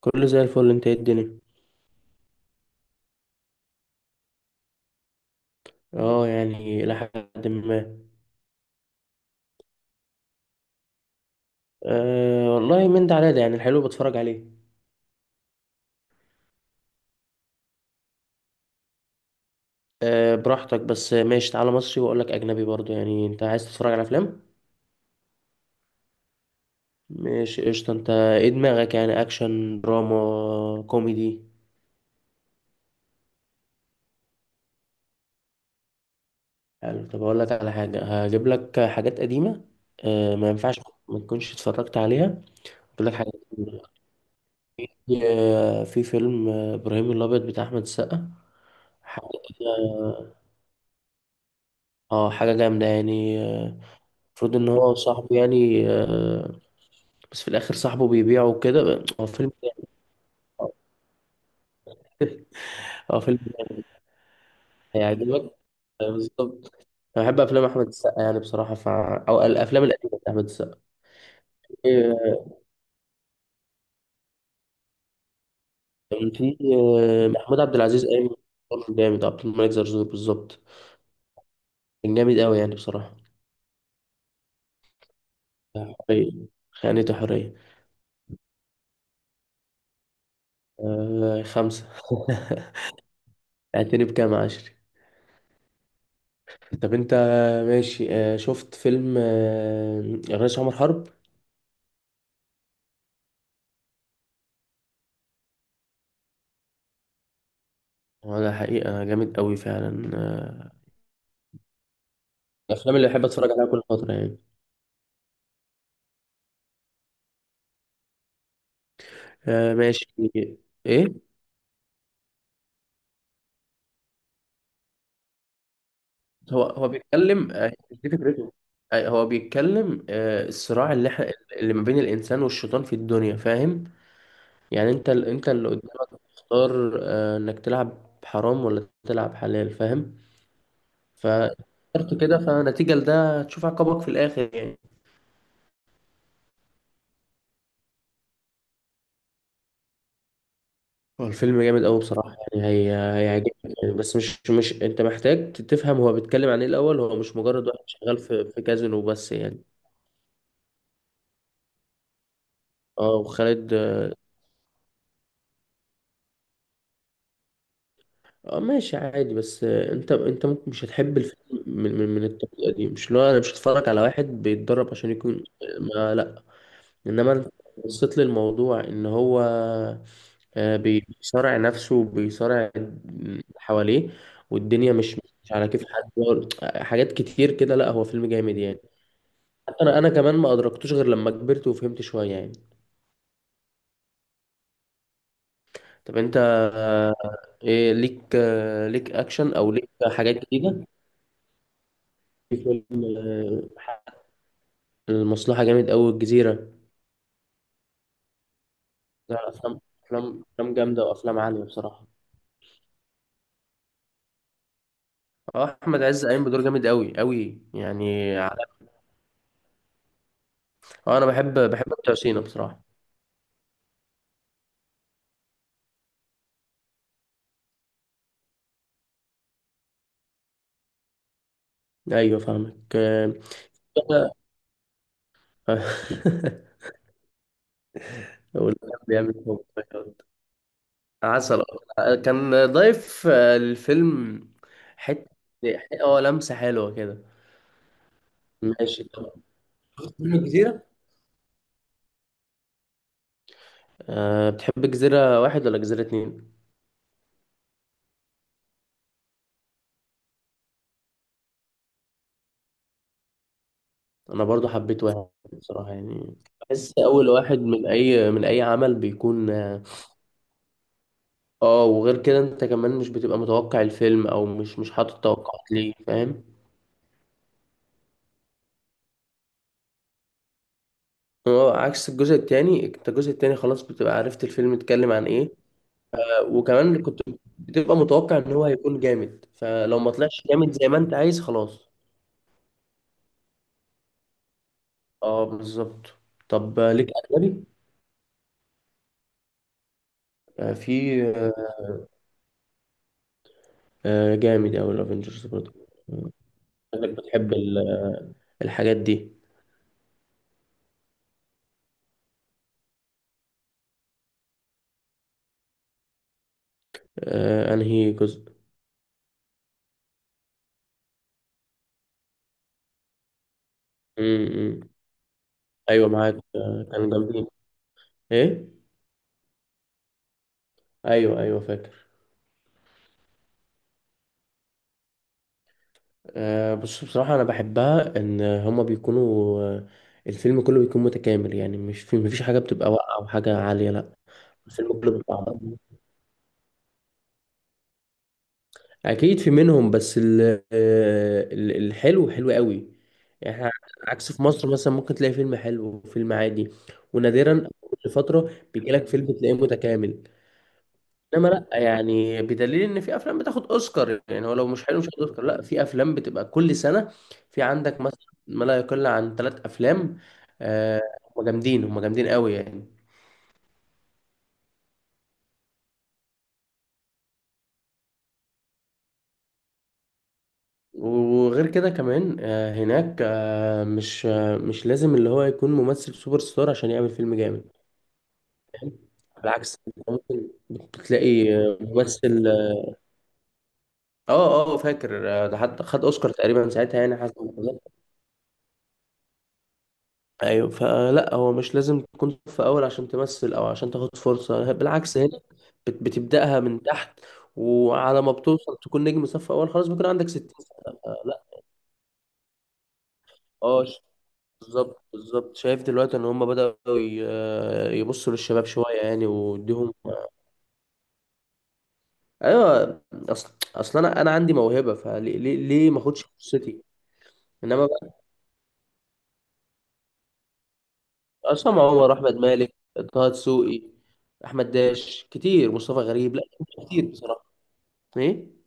كله زي الفل. انت ايه الدنيا؟ اه يعني الى حد ما. آه والله من ده على ده، يعني الحلو بتفرج عليه. آه براحتك، بس ماشي تعالى مصري واقول لك اجنبي برضو. يعني انت عايز تتفرج على افلام؟ ماشي قشطه. انت ايه دماغك، يعني اكشن دراما كوميدي؟ حلو. طب اقول لك على حاجه، هجيب لك حاجات قديمه. آه ما ينفعش ما تكونش اتفرجت عليها. هجيب لك حاجات قديمة. في فيلم ابراهيم الابيض بتاع احمد السقا. حاجه. اه حاجه جامده يعني. المفروض ان هو صاحبه. بس في الاخر صاحبه بيبيعه وكده. هو فيلم هيعجبك. بالظبط. انا بحب افلام احمد السقا يعني بصراحه، ف... او الافلام القديمه احمد السقا. آه، في محمود عبد العزيز قايم بدور جامد. عبد الملك زرزور بالظبط، كان جامد قوي يعني بصراحه. حريه، خانته حريه. خمسه. اعتني بكام عشري. طب انت ماشي. شفت فيلم الرئيس عمر حرب؟ هو ده حقيقة جامد قوي فعلا. الأفلام اللي بحب أتفرج عليها كل فترة يعني. ماشي. إيه، هو بيتكلم دي فكرته. هو بيتكلم الصراع اللي احنا، اللي ما بين الإنسان والشيطان في الدنيا، فاهم؟ يعني أنت أنت اللي قدامك تختار إنك تلعب حرام ولا تلعب حلال، فاهم؟ فاخترت كده، فنتيجة لده تشوف عقابك في الآخر يعني. هو الفيلم جامد قوي بصراحة، يعني هي هيعجبك. يعني بس مش انت محتاج تفهم هو بيتكلم عن ايه الأول. هو مش مجرد واحد شغال في كازينو بس يعني. اه وخالد. اه ماشي عادي. بس انت ممكن مش هتحب الفيلم من من الطريقة دي. مش لو انا مش هتفرج على واحد بيتدرب عشان يكون. ما لا. انما انت بصيت للموضوع ان هو بيصارع نفسه وبيصارع اللي حواليه، والدنيا مش على كيف حد. حاجات كتير كده. لا هو فيلم جامد يعني. انا كمان ما ادركتوش غير لما كبرت وفهمت شويه يعني. طب انت. إيه ليك ليك اكشن او ليك حاجات جديده؟ في فيلم آه، المصلحه جامد قوي، الجزيره. لا افلام، افلام افلام جامده وافلام عاليه بصراحه. اه احمد عز قايم بدور جامد قوي قوي يعني اه. انا بحب بتوع سينا بصراحه. ايوه فاهمك. أقول لك بيعمل شغل. عسل أبيض. كان ضايف الفيلم حتة. اه لمسة حلوة كده. ماشي طب منه كتيرة. أه بتحب جزيرة واحد ولا جزيرة اتنين؟ أنا برضو حبيت واحد بصراحة يعني. بحس أول واحد من أي من أي عمل بيكون اه. وغير كده أنت كمان مش بتبقى متوقع الفيلم، أو مش حاطط توقعات ليه، فاهم؟ اه عكس الجزء التاني. أنت الجزء التاني خلاص بتبقى عرفت الفيلم اتكلم عن إيه. وكمان كنت بتبقى متوقع ان هو هيكون جامد، فلو ما طلعش جامد زي ما انت عايز خلاص. اه بالظبط. طب ليك اجنبي؟ آه، في آه، جامد اوي الافنجرز برضه. انك بتحب الحاجات دي. انهي جزء؟ امم. ايوه معاك. كانوا جامدين. ايه. ايوه ايوه فاكر. بص بصراحه انا بحبها ان هما بيكونوا. الفيلم كله بيكون متكامل يعني. مش في، مفيش حاجه بتبقى واقعه او حاجه عاليه، لا. الفيلم كله بيبقى عبارة. اكيد في منهم بس الحلو حلو قوي يعني. إحنا عكس في مصر، مثلا ممكن تلاقي فيلم حلو وفيلم عادي، ونادرا كل فتره بيجي لك فيلم تلاقيه متكامل. انما لا يعني، بدليل ان في افلام بتاخد اوسكار. يعني هو لو مش حلو مش هياخد اوسكار. لا في افلام بتبقى كل سنه في عندك مثلا ما لا يقل عن 3 افلام آه، هم جامدين قوي يعني. وغير كده كمان هناك مش لازم اللي هو يكون ممثل سوبر ستار عشان يعمل فيلم جامد. بالعكس أنت ممكن بتلاقي ممثل. اه اه فاكر. ده حتى خد اوسكار تقريبا ساعتها يعني، حسب ما أتذكر. ايوه. فلا هو مش لازم تكون في اول عشان تمثل او عشان تاخد فرصه. بالعكس هنا بتبداها من تحت، وعلى ما بتوصل تكون نجم صف اول خلاص بيكون عندك 60 سنه، فلا. اه ش- بالظبط بالظبط. شايف دلوقتي ان هم بداوا يبصوا للشباب شويه يعني، ويديهم. ايوه اصل انا عندي موهبه، فليه ليه ما اخدش فرصتي؟ انما بقى. عصام عمر، احمد مالك، طه دسوقي، احمد داش، كتير، مصطفى غريب، لا كتير بصراحه. ايه.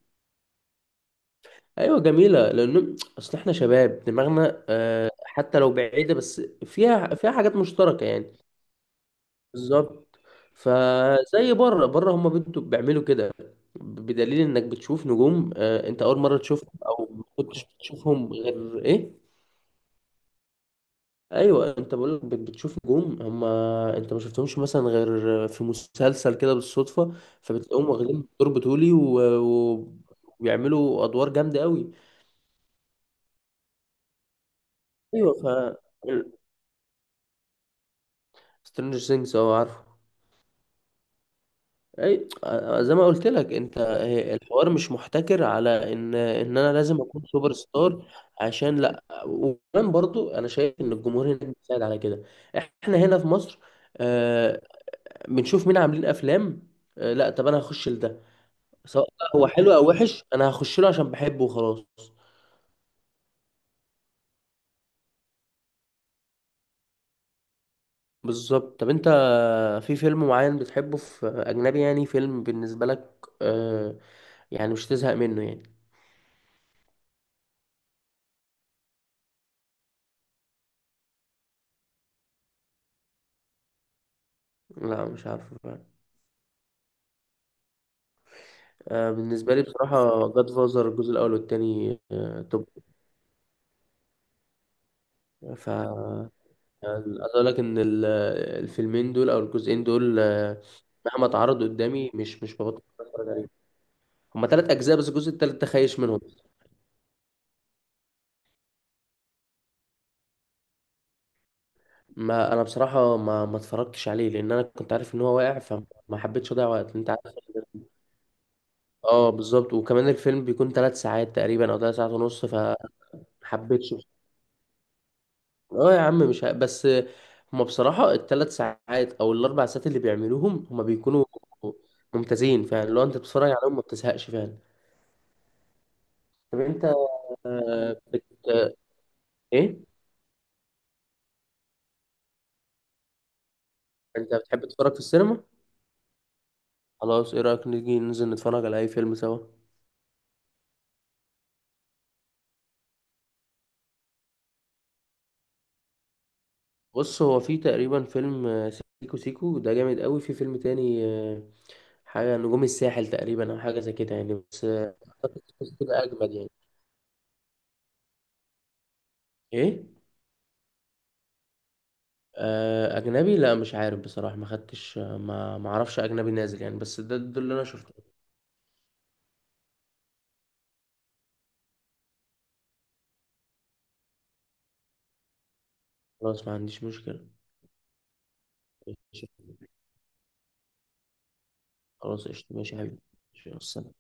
ايوه جميله، لان اصل احنا شباب دماغنا حتى لو بعيده بس فيها فيها حاجات مشتركه يعني. بالظبط. فزي بره، بره هم بنتوا بيعملوا كده. بدليل انك بتشوف نجوم انت اول مره تشوفهم او ما كنتش بتشوفهم غير ايه. ايوه انت بقول لك بتشوف نجوم هم انت ما شفتهمش مثلا غير في مسلسل كده بالصدفه، فبتلاقيهم واخدين دور بطولي وبيعملوا ادوار جامده قوي. ايوه ف، سترينجر ثينجز اه عارفه. اي زي ما قلت لك انت، الحوار مش محتكر على ان انا لازم اكون سوبر ستار عشان، لا. وكمان برضو انا شايف ان الجمهور هنا بيساعد على كده. احنا هنا في مصر آه، بنشوف مين عاملين افلام. لا طب انا هخش لده. سواء بقى هو حلو او وحش انا هخش له عشان بحبه وخلاص. بالظبط. طب انت في فيلم معين بتحبه في اجنبي يعني، فيلم بالنسبه لك آه يعني مش تزهق منه يعني؟ لا مش عارف بقى. آه بالنسبه لي بصراحه جاد فازر الجزء الاول والتاني آه توب. ف يعني عايز اقول لك ان الفيلمين دول او الجزئين دول، مهما اتعرضوا قدامي مش ببطل اتفرج عليهم. هما تلات اجزاء بس الجزء التالت ده خايش منهم. ما انا بصراحه ما اتفرجتش عليه لان انا كنت عارف ان هو واقع، فما حبيتش اضيع وقت، انت عارف. اه بالظبط. وكمان الفيلم بيكون 3 ساعات تقريبا او 3 ساعات ونص، فحبيتش. اه يا عم مش ه... بس هما بصراحه الـ3 ساعات او الـ4 ساعات اللي بيعملوهم هما بيكونوا ممتازين فعلا. لو انت بتتفرج عليهم ما بتزهقش فعلا. طب انت آه، بت... ايه، انت بتحب تتفرج في السينما؟ خلاص، ايه رايك نيجي ننزل نتفرج على اي فيلم سوا؟ بص هو في تقريبا فيلم سيكو سيكو ده جامد قوي. في فيلم تاني حاجة نجوم الساحل تقريبا او حاجة زي كده يعني، بس بس كده اجمد يعني. ايه. اجنبي لا مش عارف بصراحة، ما خدتش آه، ما ما اعرفش اجنبي نازل يعني، بس ده ده اللي انا شفته. خلاص ما عنديش مشكلة. خلاص قشطة ماشي يا حبيبي. ماشي، والسلام.